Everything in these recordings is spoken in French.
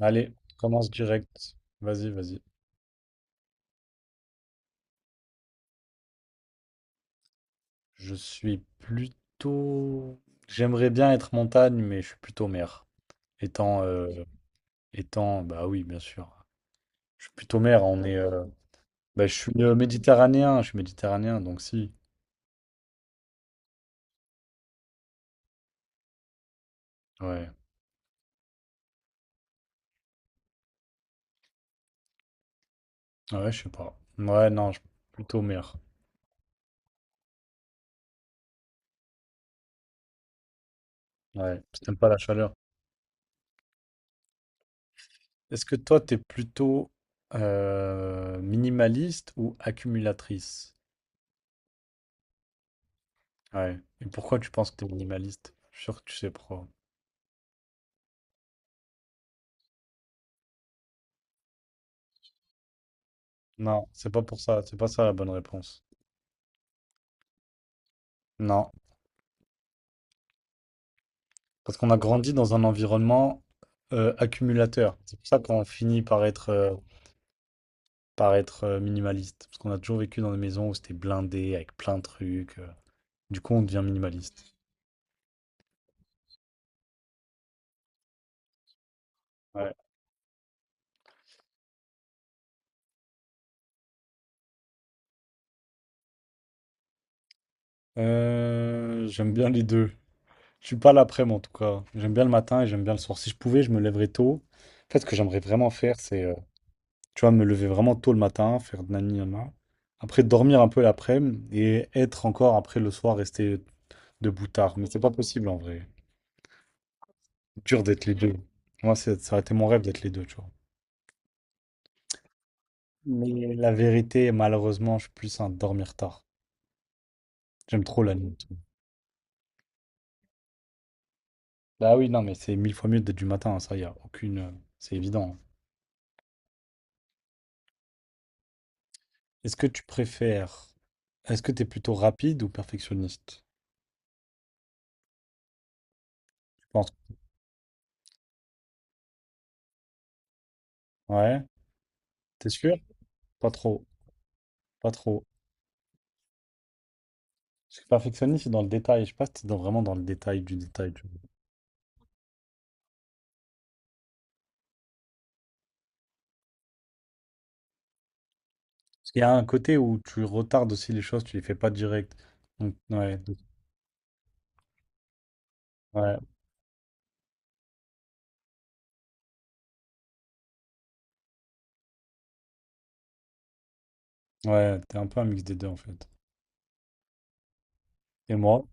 Allez, commence direct. Vas-y, vas-y. Je suis plutôt... J'aimerais bien être montagne, mais je suis plutôt mer. Étant, euh, étant, bah oui, bien sûr. Je suis plutôt mer. Bah, je suis méditerranéen. Je suis méditerranéen, donc si. Ouais, ouais, je sais pas. Ouais, non, je suis plutôt mer. Ouais, parce que t'aimes pas la chaleur. Est-ce que toi, t'es plutôt minimaliste ou accumulatrice? Ouais. Et pourquoi tu penses que t'es minimaliste? Je suis sûr que tu sais pourquoi. Non, c'est pas pour ça, c'est pas ça la bonne réponse. Non, parce qu'on a grandi dans un environnement accumulateur. C'est pour ça qu'on finit par être minimaliste. Parce qu'on a toujours vécu dans des maisons où c'était blindé, avec plein de trucs. Du coup, on devient minimaliste. Ouais. J'aime bien les deux. Je suis pas l'après-midi en tout cas. J'aime bien le matin et j'aime bien le soir. Si je pouvais, je me lèverais tôt. En fait, ce que j'aimerais vraiment faire, c'est tu vois, me lever vraiment tôt le matin, faire nani nana. Après, dormir un peu l'après-midi et être encore après le soir, rester debout tard. Mais c'est pas possible en vrai. Dur d'être les deux. Moi, ça aurait été mon rêve d'être les deux, tu vois. Mais la vérité, malheureusement, je suis plus un dormir tard. J'aime trop la nuit. Bah oui, non, mais c'est mille fois mieux d'être du matin, hein, ça, y a aucune. C'est évident. Est-ce que tu préfères. Est-ce que t'es plutôt rapide ou perfectionniste? Je pense. Ouais. T'es sûr? Pas trop. Pas trop. Parce que perfectionniste, c'est dans le détail. Je sais pas si c'est vraiment dans le détail du détail, tu vois. Parce qu'il y a un côté où tu retardes aussi les choses, tu les fais pas direct. Donc, ouais, ouais, t'es un peu un mix des deux en fait. Et moi,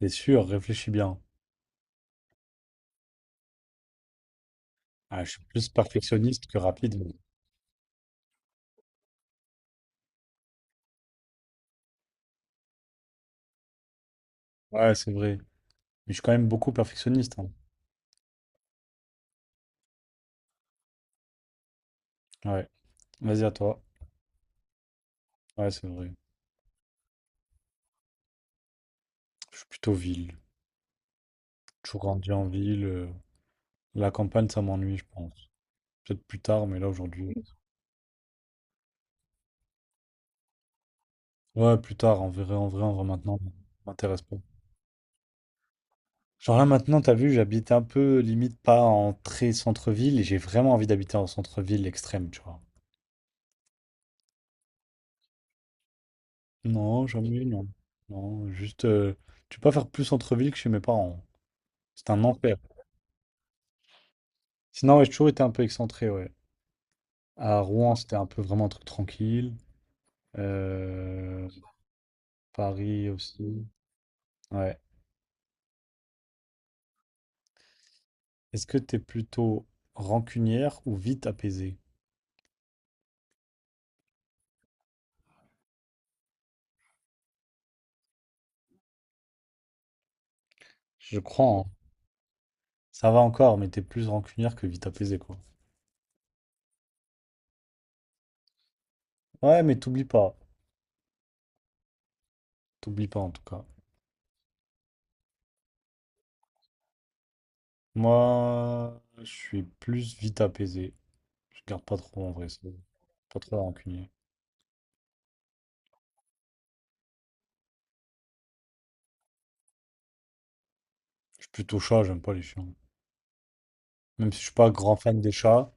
c'est sûr, réfléchis bien. Ah, je suis plus perfectionniste que rapide. Ouais, c'est vrai. Mais je suis quand même beaucoup perfectionniste, hein. Ouais, vas-y à toi. Ouais, c'est vrai. Je suis plutôt ville. Toujours grandi en ville. La campagne, ça m'ennuie, je pense. Peut-être plus tard, mais là aujourd'hui. Ouais, plus tard, en vrai, en vrai, en vrai, maintenant, ça m'intéresse pas. Genre là maintenant, t'as vu, j'habite un peu limite pas en très centre-ville et j'ai vraiment envie d'habiter en centre-ville extrême, tu vois. Non, jamais, non. Non, juste, tu peux pas faire plus centre-ville que chez mes parents. C'est un enfer. Sinon, ouais, j'ai toujours été un peu excentré, ouais. À Rouen, c'était un peu vraiment un truc tranquille. Euh, Paris aussi. Ouais. Est-ce que t'es plutôt rancunière ou vite apaisée? Je crois, hein. Ça va encore, mais t'es plus rancunière que vite apaisée, quoi. Ouais, mais t'oublies pas. T'oublies pas, en tout cas. Moi, je suis plus vite apaisé. Je garde pas trop en vrai, c'est pas trop rancunier. Je suis plutôt chat, j'aime pas les chiens. Même si je suis pas grand fan des chats,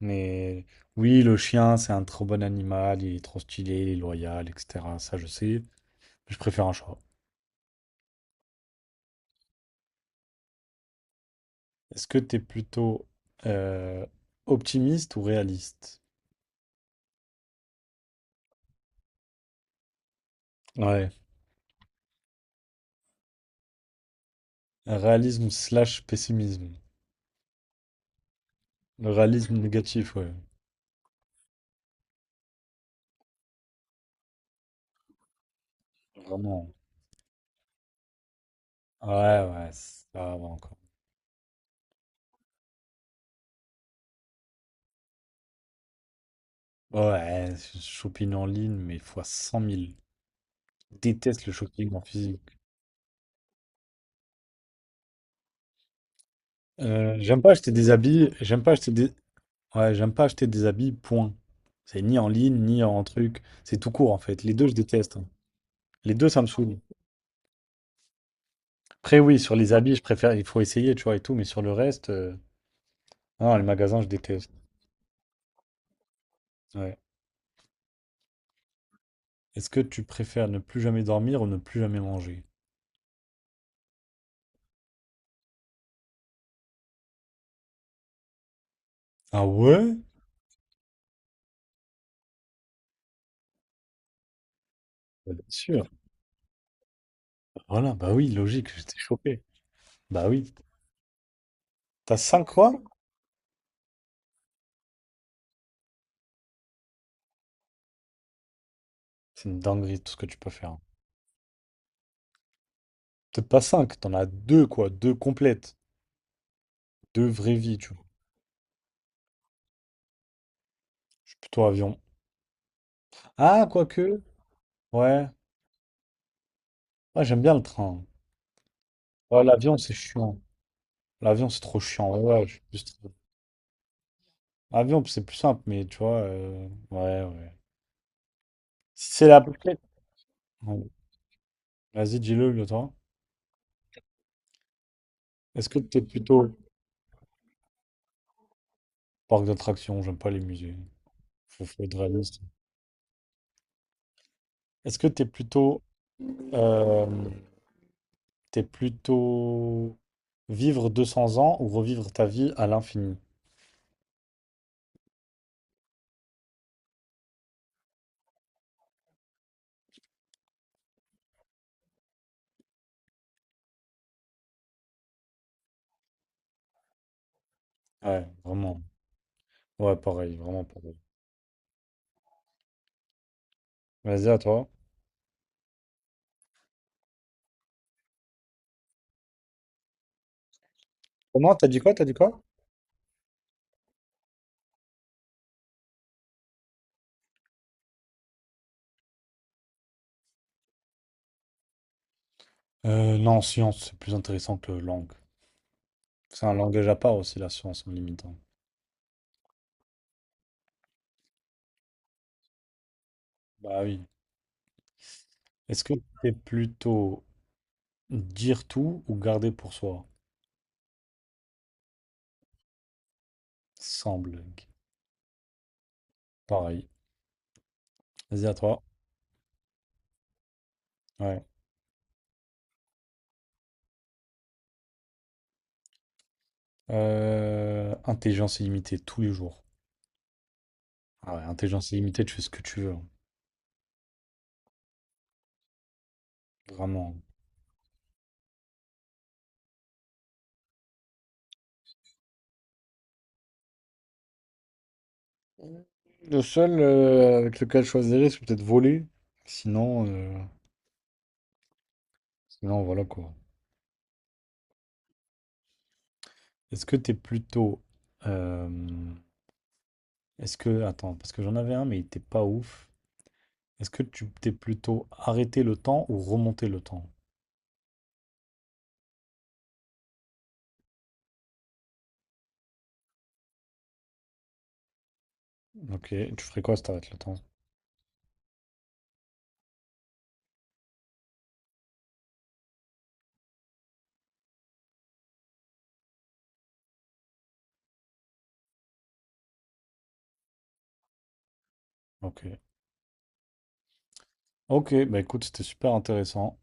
mais oui, le chien, c'est un trop bon animal, il est trop stylé, il est loyal, etc. Ça, je sais, mais je préfère un chat. Est-ce que t'es plutôt euh, optimiste ou réaliste? Ouais, réalisme/pessimisme. Le réalisme négatif, ouais. Vraiment. Ouais, ouais, ça va encore. Ouais, shopping en ligne, mais fois 100 000. Je déteste le shopping en physique. J'aime pas acheter des habits, j'aime pas acheter des... Ouais, j'aime pas acheter des habits, point. C'est ni en ligne, ni en truc. C'est tout court, en fait. Les deux, je déteste, hein. Les deux, ça me saoule. Après, oui, sur les habits, je préfère. Il faut essayer, tu vois, et tout, mais sur le reste. Non, les magasins, je déteste. Ouais. Est-ce que tu préfères ne plus jamais dormir ou ne plus jamais manger? Ah ouais? Bah, bien sûr. Voilà, bah oui, logique, j'étais chopé. Bah oui. T'as 5 quoi? C'est une dinguerie tout ce que tu peux faire. Peut-être pas 5, t'en as deux quoi, deux complètes, deux vraies vies, tu vois. Je suis plutôt avion. Ah, quoique, ouais, ouais, j'aime bien le train. Ouais, l'avion c'est chiant. L'avion c'est trop chiant. Ouais, ouais, je suis plus. Avion c'est plus simple, mais tu vois, ouais, ouais. Si c'est la complète. Ouais. Vas-y, dis-le, le toi. Est-ce que t'es plutôt parc d'attractions? J'aime pas les musées. Faut être réaliste. Est-ce que t'es plutôt euh, T'es plutôt vivre 200 ans ou revivre ta vie à l'infini. Ouais, vraiment. Ouais, pareil, vraiment pareil. Vas-y, à toi. Comment? T'as dit quoi? T'as dit quoi? Non, science, c'est plus intéressant que langue. C'est un langage à part aussi, la science, en limitant. Bah oui. Est-ce que t'es plutôt dire tout ou garder pour soi? Sans blague. Pareil. Vas-y, à toi. Ouais. Intelligence illimitée, tous les jours. Ah ouais, intelligence illimitée, tu fais ce que tu veux, hein. Vraiment. Le seul avec lequel je choisirais, c'est peut-être voler. Sinon, euh, sinon, voilà quoi. Est-ce que t'es plutôt. Euh, est-ce que. Attends, parce que j'en avais un, mais il était pas ouf. Est-ce que tu t'es plutôt arrêter le temps ou remonter le temps? Ok, tu ferais quoi si t'arrêtes le temps? Ok. Ok, bah écoute, c'était super intéressant.